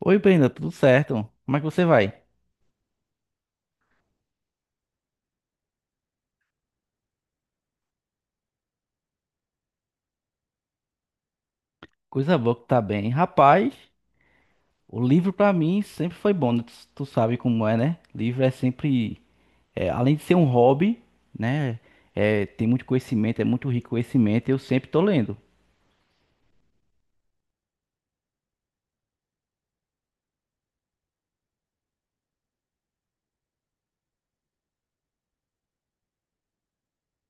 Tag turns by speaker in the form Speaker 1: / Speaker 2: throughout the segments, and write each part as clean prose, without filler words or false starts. Speaker 1: Oi, Brenda, tudo certo? Como é que você vai? Coisa boa que tá bem. Rapaz, o livro pra mim sempre foi bom, né? Tu sabe como é, né? Livro é sempre, além de ser um hobby, né? Tem muito conhecimento, é muito rico conhecimento, eu sempre tô lendo.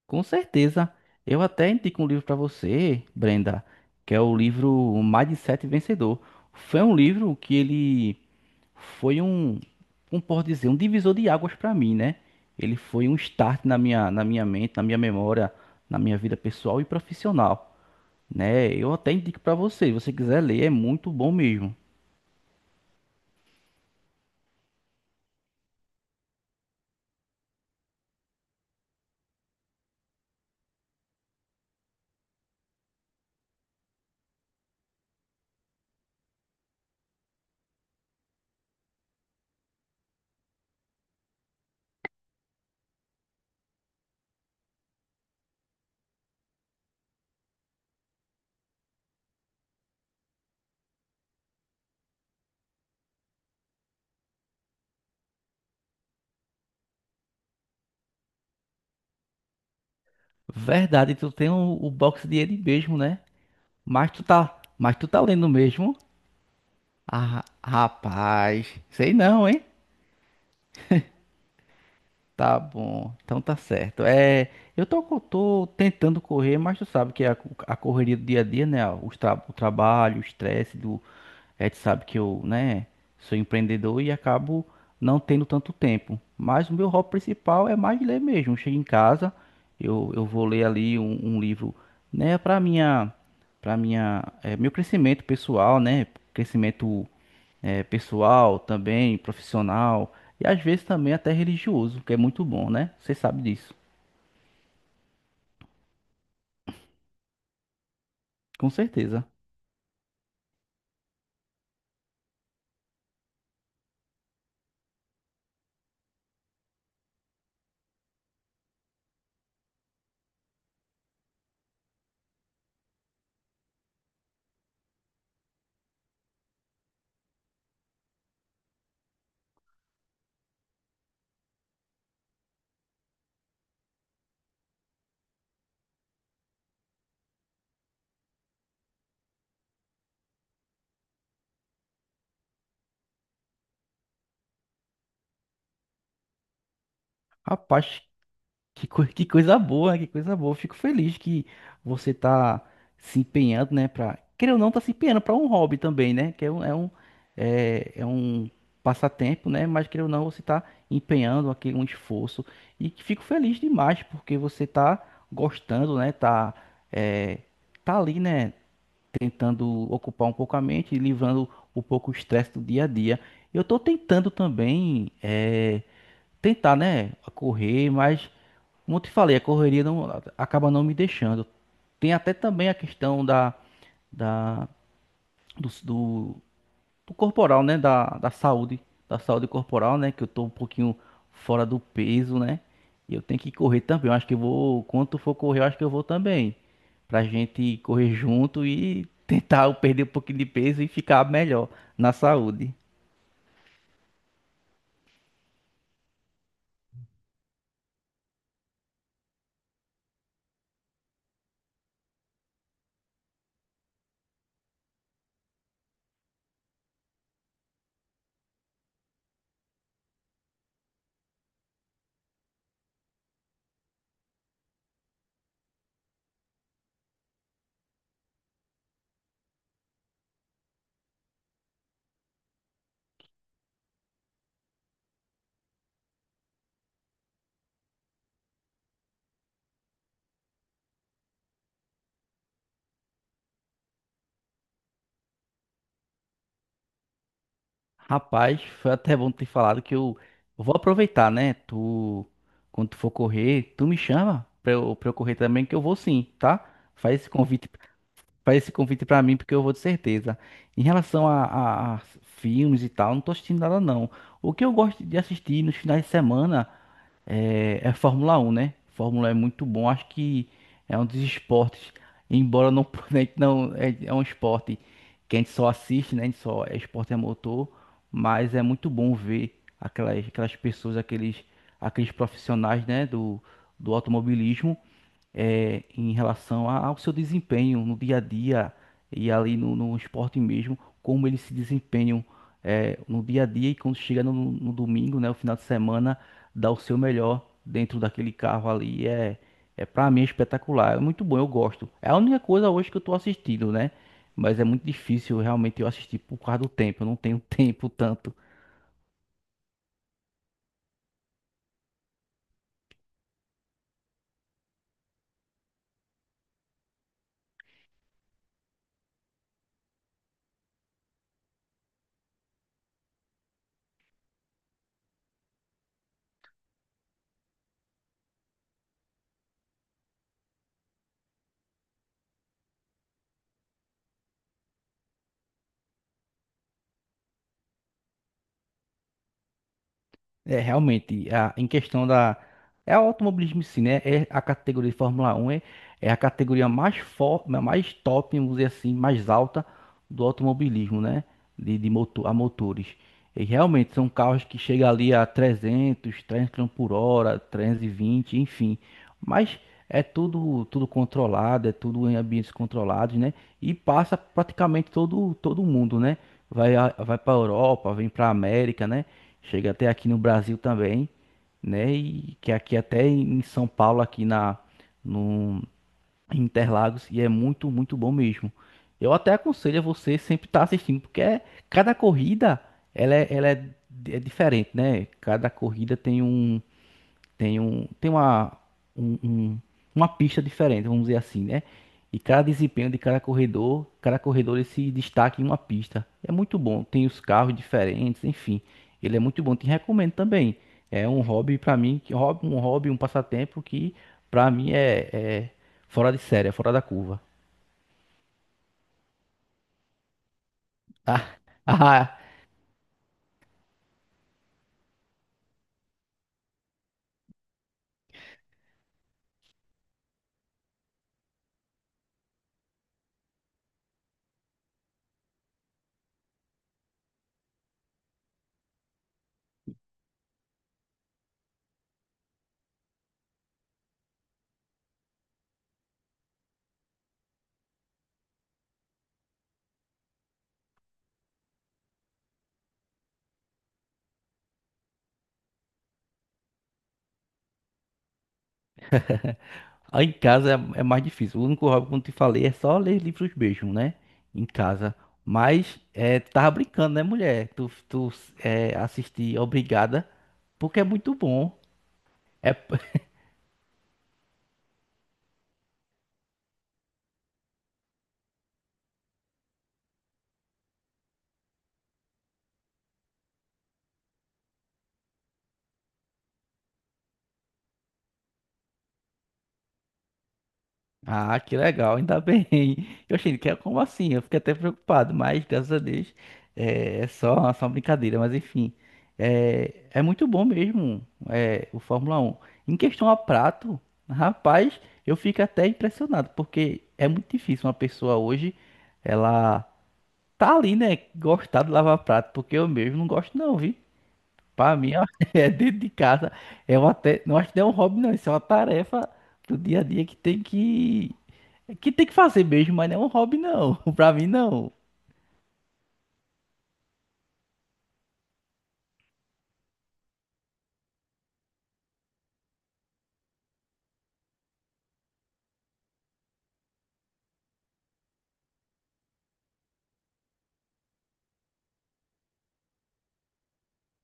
Speaker 1: Com certeza. Eu até indico um livro para você, Brenda, que é o livro Mindset Vencedor. Foi um livro que ele foi um, como posso dizer, um divisor de águas para mim, né? Ele foi um start na minha mente, na minha memória, na minha vida pessoal e profissional, né? Eu até indico para você, se você quiser ler, é muito bom mesmo. Verdade, tu tem o box de ele mesmo, né? Mas tu tá lendo mesmo? Ah, rapaz, sei não, hein? Tá bom, então tá certo. Eu tô, tô tentando correr, mas tu sabe que a correria do dia a dia, né? O trabalho, o estresse do. Tu sabe que eu, né, sou empreendedor e acabo não tendo tanto tempo. Mas o meu hobby principal é mais ler mesmo. Eu chego em casa, eu vou ler ali um livro, né, pra minha, meu crescimento pessoal, né? Crescimento pessoal também, profissional e às vezes também até religioso, que é muito bom, né? Você sabe disso, com certeza. Rapaz, que coisa boa, né? Que coisa boa. Eu fico feliz que você tá se empenhando, né? Pra, querer ou não, tá se empenhando para um hobby também, né? Que é um, é um, é, é um passatempo, né? Mas querer ou não, você tá empenhando aqui um esforço e que fico feliz demais porque você tá gostando, né? Tá, é, tá ali, né? Tentando ocupar um pouco a mente, e livrando um pouco o estresse do dia a dia. Eu estou tentando também, tentar, né, correr, mas, como eu te falei, a correria não, acaba não me deixando. Tem até também a questão da, da, do, do do corporal, né? Da saúde corporal, né? Que eu tô um pouquinho fora do peso, né? E eu tenho que correr também. Eu acho que eu vou, quando tu for correr, eu acho que eu vou também. Pra gente correr junto e tentar eu perder um pouquinho de peso e ficar melhor na saúde. Rapaz, foi até bom ter falado que eu vou aproveitar, né? Tu, quando tu for correr, tu me chama pra eu correr também, que eu vou sim, tá? Faz esse convite Faz esse convite pra mim, porque eu vou de certeza. Em relação a filmes e tal, não tô assistindo nada não. O que eu gosto de assistir nos finais de semana é Fórmula 1, né? Fórmula um é muito bom, acho que é um dos esportes, embora não, né, não é, é um esporte que a gente só assiste, né? A gente só é esporte é motor, mas é muito bom ver aquelas, pessoas, aqueles, profissionais, né? Do automobilismo, em relação ao seu desempenho no dia a dia e ali no esporte mesmo, como eles se desempenham, no dia a dia, e quando chega no domingo, né, o final de semana, dá o seu melhor dentro daquele carro ali. É, para mim é espetacular, é muito bom, eu gosto. É a única coisa hoje que eu tô assistindo, né? Mas é muito difícil realmente eu assistir por causa do tempo, eu não tenho tempo tanto. É, realmente, em questão da. É o automobilismo em si, né? É a categoria de Fórmula Um, é a categoria mais forte, mais top, vamos dizer assim, mais alta do automobilismo, né? De motor, a motores. E realmente são carros que chegam ali a 300 km por hora, 320, enfim. Mas é tudo, controlado, é tudo em ambientes controlados, né? E passa praticamente todo, mundo, né? Vai, vai para Europa, vem para América, né? Chega até aqui no Brasil também, né? E que aqui até em São Paulo, aqui na no em Interlagos, e é muito, muito bom mesmo. Eu até aconselho a você sempre estar assistindo, porque cada corrida ela é, ela é, é diferente, né? Cada corrida tem tem um, tem uma, um- um- uma pista diferente, vamos dizer assim, né? E cada desempenho de cada corredor ele se destaca em uma pista. É muito bom, tem os carros diferentes, enfim. Ele é muito bom, te recomendo também. É um hobby para mim, que hobby, um passatempo que para mim é fora de série, é fora da curva. Ah, Ah, em casa é mais difícil. O único hobby, como te falei, é só ler livros mesmo, né? Em casa. Mas, tu tava brincando, né, mulher? Tu assistir. Obrigada, porque é muito bom. É, Ah, que legal, ainda bem. Eu achei que era, como assim? Eu fiquei até preocupado, mas graças a Deus é só uma brincadeira. Mas enfim, é muito bom mesmo, o Fórmula Um. Em questão a prato, rapaz, eu fico até impressionado, porque é muito difícil uma pessoa hoje, ela tá ali, né, gostar de lavar prato, porque eu mesmo não gosto não, viu? Pra mim, ó, é, dentro de casa, é uma até, não acho que não, é um hobby, não, isso é uma tarefa do dia a dia que tem que fazer mesmo, mas não é um hobby, não. Pra mim, não.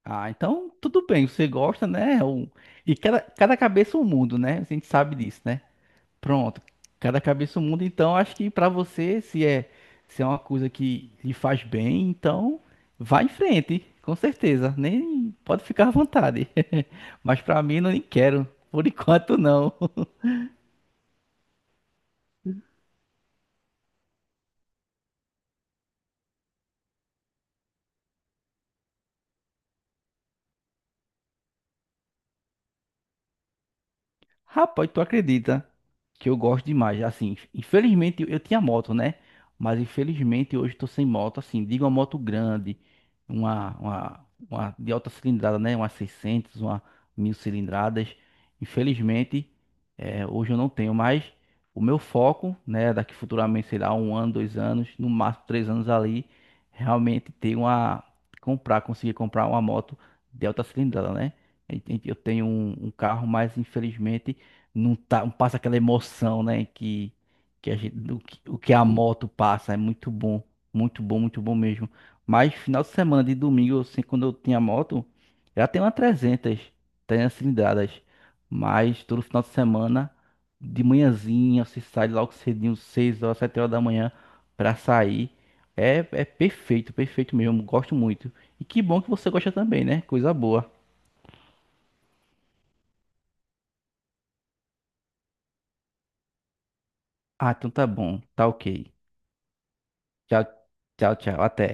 Speaker 1: Ah, então tudo bem, você gosta, né? E cada cabeça é um mundo, né? A gente sabe disso, né? Pronto, cada cabeça é um mundo. Então acho que pra você, se é uma coisa que lhe faz bem, então vá em frente, com certeza. Nem, pode ficar à vontade. Mas pra mim, não, nem quero. Por enquanto, não. Rapaz, tu acredita que eu gosto demais? Assim, infelizmente eu tinha moto, né? Mas infelizmente hoje eu tô sem moto. Assim, digo uma moto grande, uma de alta cilindrada, né? Uma 600, uma 1000 cilindradas. Infelizmente, hoje eu não tenho mais. O meu foco, né? Daqui futuramente, sei lá, um ano, 2 anos, no máximo 3 anos ali, realmente ter uma. Comprar, conseguir comprar uma moto de alta cilindrada, né? Eu eu tenho um carro, mas infelizmente não tá, não passa aquela emoção, né, que a gente, o que a moto passa, é muito bom, muito bom, muito bom mesmo. Mas final de semana de domingo, assim, quando eu tinha moto, já tem uma 300 300 cilindradas. Mas todo final de semana, de manhãzinha, você sai logo cedinho, 6 horas, 7 horas da manhã pra sair. É perfeito, perfeito mesmo, gosto muito. E que bom que você gosta também, né? Coisa boa. Ah, então tá bom, tá ok. Tchau, tchau, tchau, até.